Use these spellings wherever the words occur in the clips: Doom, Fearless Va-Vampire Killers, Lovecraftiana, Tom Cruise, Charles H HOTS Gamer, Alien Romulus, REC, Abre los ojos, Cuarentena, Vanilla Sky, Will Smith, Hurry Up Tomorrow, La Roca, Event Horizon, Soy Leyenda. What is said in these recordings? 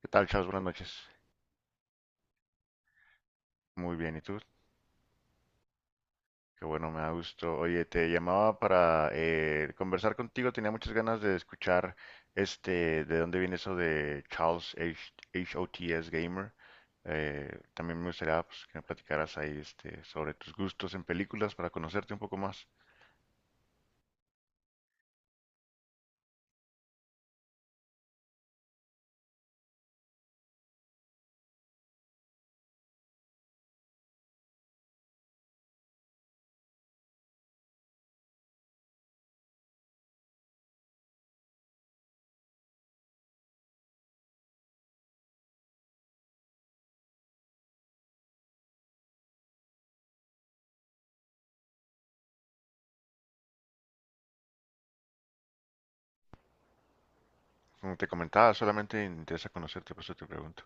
¿Qué tal, Charles? Buenas noches. Muy bien, ¿y tú? Qué bueno, me da gusto. Oye, te llamaba para conversar contigo. Tenía muchas ganas de escuchar de dónde viene eso de Charles H HOTS Gamer. También me gustaría, pues, que me platicaras ahí sobre tus gustos en películas para conocerte un poco más. Como te comentaba, solamente me interesa conocerte, por eso te pregunto.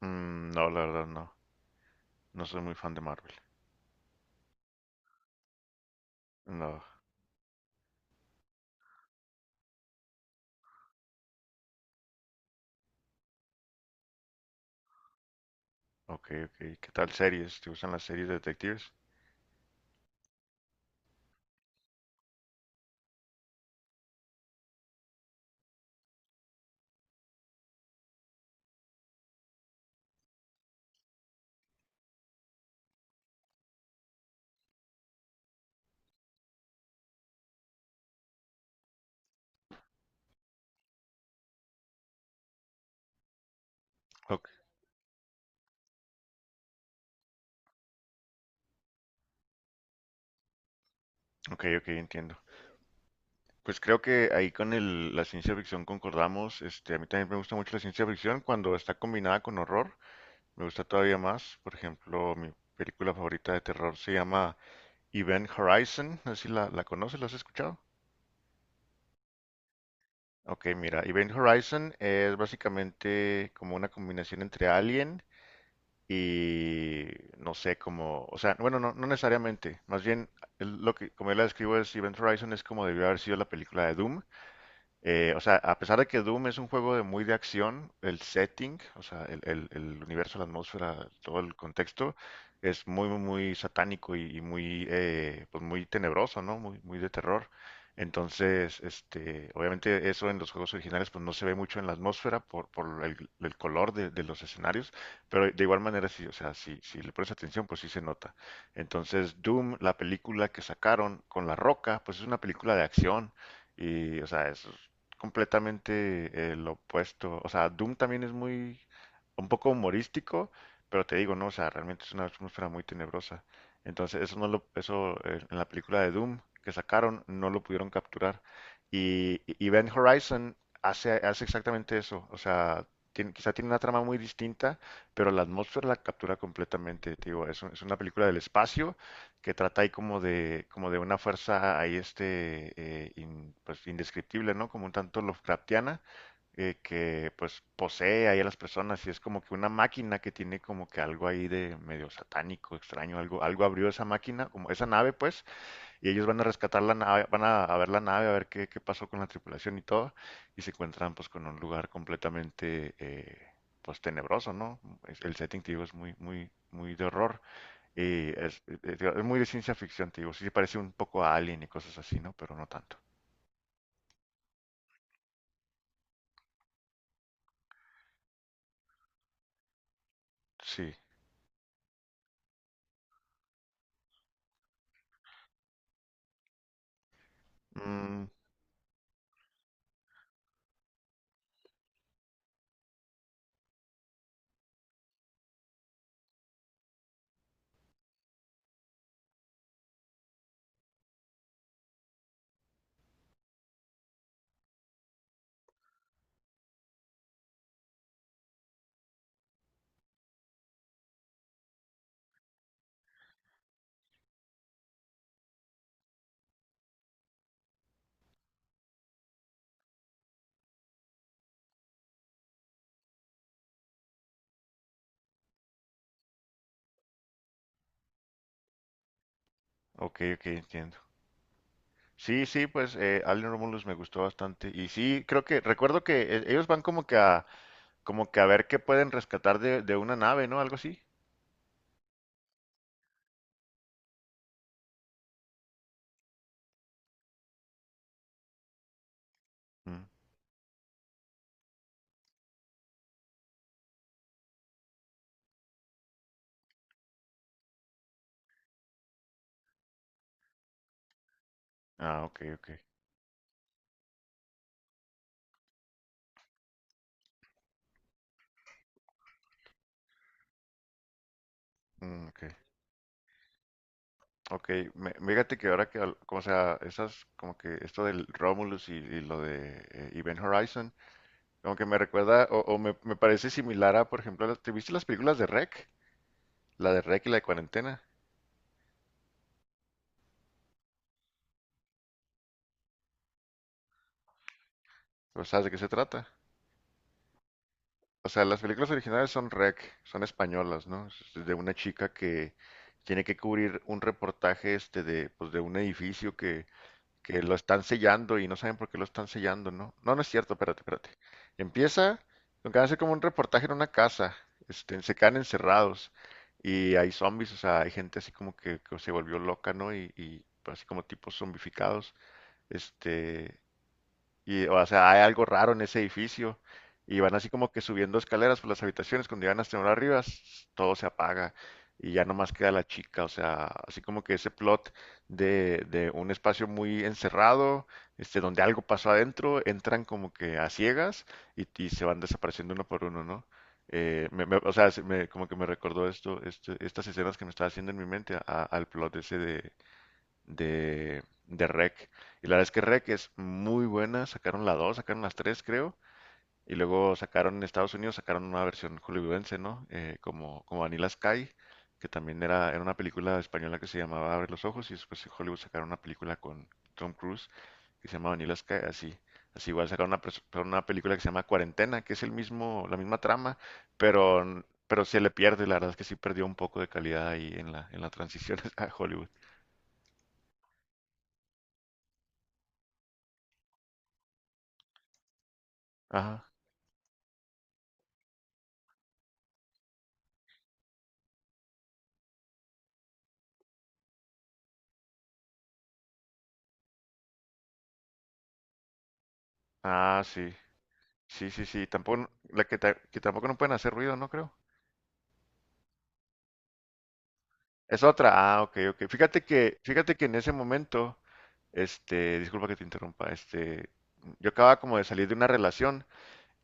Mm, no, la verdad no. No soy muy fan de Marvel. No, ok, ok. ¿Qué tal series? ¿Te gustan las series de detectives? Ok, ok, ok, entiendo. Pues creo que ahí con la ciencia ficción concordamos. Este, a mí también me gusta mucho la ciencia ficción cuando está combinada con horror. Me gusta todavía más. Por ejemplo, mi película favorita de terror se llama Event Horizon. No sé si la conoces, ¿la has escuchado? Ok, mira, Event Horizon es básicamente como una combinación entre Alien y no sé, como, o sea, bueno, no, no necesariamente. Más bien, lo que, como yo la describo es Event Horizon es como debió haber sido la película de Doom. O sea, a pesar de que Doom es un juego de muy de acción, el setting, o sea, el universo, la atmósfera, todo el contexto, es muy, muy, muy satánico y muy, pues muy tenebroso, ¿no? Muy, muy de terror. Entonces, obviamente eso en los juegos originales pues no se ve mucho en la atmósfera por el color de los escenarios, pero de igual manera sí, o sea, si, si le pones atención pues sí se nota. Entonces, Doom, la película que sacaron con La Roca, pues es una película de acción. Y, o sea, es completamente lo opuesto. O sea, Doom también es muy, un poco humorístico, pero te digo, no, o sea, realmente es una atmósfera muy tenebrosa. Entonces, eso no lo, eso en la película de Doom que sacaron, no lo pudieron capturar. Y Event Horizon hace exactamente eso. O sea, quizá tiene una trama muy distinta, pero la atmósfera la captura completamente. Te digo, es, es una película del espacio, que trata ahí como de una fuerza ahí pues indescriptible, ¿no? Como un tanto Lovecraftiana, que pues posee ahí a las personas y es como que una máquina que tiene como que algo ahí de medio satánico, extraño, algo, algo abrió esa máquina, como esa nave pues, y ellos van a rescatar la nave, van a ver la nave, a ver qué, qué pasó con la tripulación y todo, y se encuentran pues con un lugar completamente pues tenebroso, ¿no? El setting, te digo, es muy, muy, muy de horror. Y es, es muy de ciencia ficción, te digo. Sí, se parece un poco a Alien y cosas así, ¿no? Pero no tanto. Sí. Mm, ok, ok, entiendo. Sí, sí, pues Alien Romulus me gustó bastante. Y sí, creo que, recuerdo que ellos van como que a ver qué pueden rescatar de una nave, ¿no? Algo así. Mm. Ah, ok, ok. Mm, ok, ok. Fíjate que ahora que, como sea, esas, como que esto del Romulus y lo de Event Horizon. Como que me recuerda, o me parece similar a, por ejemplo, ¿te viste las películas de REC? La de REC y la de Cuarentena. ¿O sabes de qué se trata? O sea, las películas originales son REC, son españolas, ¿no? Es de una chica que tiene que cubrir un reportaje este de, pues, de un edificio que lo están sellando y no saben por qué lo están sellando, ¿no? No, no es cierto, espérate, espérate. Empieza con que hace como un reportaje en una casa, se quedan encerrados y hay zombies, o sea, hay gente así como que se volvió loca, ¿no? Y así como tipos zombificados, este, y, o sea, hay algo raro en ese edificio. Y van así como que subiendo escaleras por las habitaciones. Cuando llegan hasta una arriba, todo se apaga. Y ya nomás queda la chica. O sea, así como que ese plot de un espacio muy encerrado, donde algo pasó adentro, entran como que a ciegas y se van desapareciendo uno por uno, ¿no? O sea, como que me recordó esto, estas escenas que me estaba haciendo en mi mente al plot ese de REC. Y la verdad es que REC es muy buena. Sacaron la 2 sacaron las 3 creo. Y luego sacaron en Estados Unidos, sacaron una versión hollywoodense, ¿no? Como, como Vanilla Sky, que también era, era una película española que se llamaba Abre los ojos. Y después en Hollywood sacaron una película con Tom Cruise que se llama Vanilla Sky, así. Así igual sacaron una, una película que se llama Cuarentena, que es el mismo, la misma trama, pero se le pierde, la verdad es que sí perdió un poco de calidad ahí en la transición a Hollywood. Ajá. Ah, sí. Sí, sí, sí, tampoco, la que, que tampoco no pueden hacer ruido, ¿no creo? Es otra, ah, ok, ok. Fíjate que en ese momento, disculpa que te interrumpa, yo acababa como de salir de una relación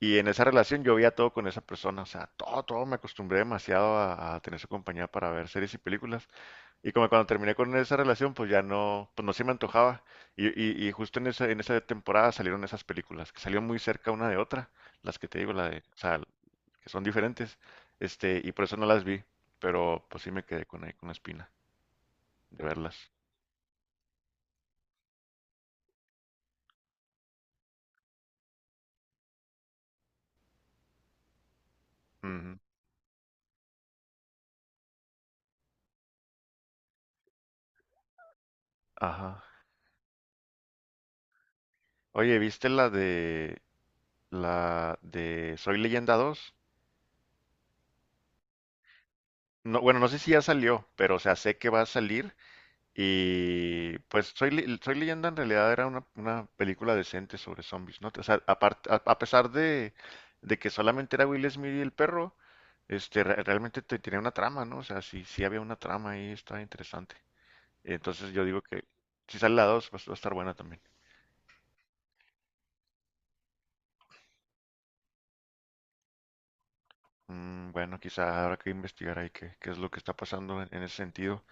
y en esa relación yo veía todo con esa persona, o sea, todo, todo, me acostumbré demasiado a tener su compañía para ver series y películas y como cuando terminé con esa relación, pues ya no, pues no se me antojaba y justo en esa temporada salieron esas películas, que salieron muy cerca una de otra, las que te digo, la de, o sea, que son diferentes, y por eso no las vi, pero pues sí me quedé con, ahí con la espina de verlas. Ujú. Ajá. Oye, ¿viste la de Soy Leyenda dos? No, bueno, no sé si ya salió, pero o sea, sé que va a salir y pues Soy, Soy Leyenda en realidad era una película decente sobre zombies, ¿no? O sea, a pesar de que solamente era Will Smith y el perro, este realmente tenía una trama, ¿no? O sea, sí, sí había una trama ahí, estaba interesante. Entonces yo digo que si sale la 2 pues va a estar buena también. Mm, bueno, quizá habrá que investigar ahí qué, qué es lo que está pasando en ese sentido.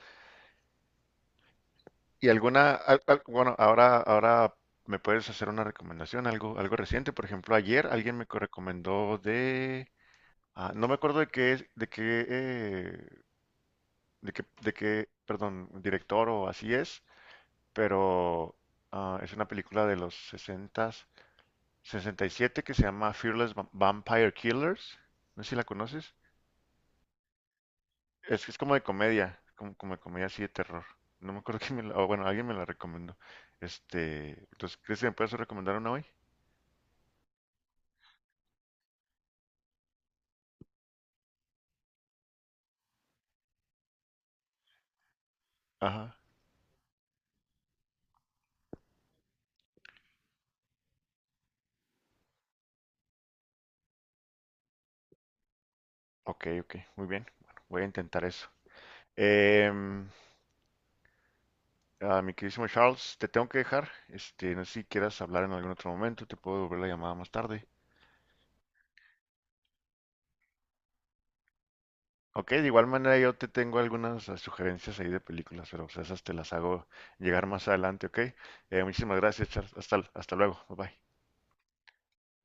Y alguna, bueno, ahora, ahora me puedes hacer una recomendación, algo, algo reciente. Por ejemplo, ayer alguien me recomendó de, ah, no me acuerdo de qué, de qué, eh, de qué, de qué, perdón, director o así es, pero ah, es una película de los sesenta 67 que se llama Fearless Vampire Killers. No sé si la conoces. Es como de comedia, como, como de comedia así de terror. No me acuerdo quién me la, o bueno, alguien me la recomendó. Este, entonces, ¿crees que me puedes recomendar una hoy? Ajá, ok, ok, muy bien. Bueno, voy a intentar eso. Em, ah, mi queridísimo Charles, te tengo que dejar. Este, no sé si quieras hablar en algún otro momento, te puedo devolver la llamada más tarde. Ok, de igual manera yo te tengo algunas sugerencias ahí de películas, pero pues, esas te las hago llegar más adelante, ok. Muchísimas gracias, Charles. Hasta, hasta luego, bye bye.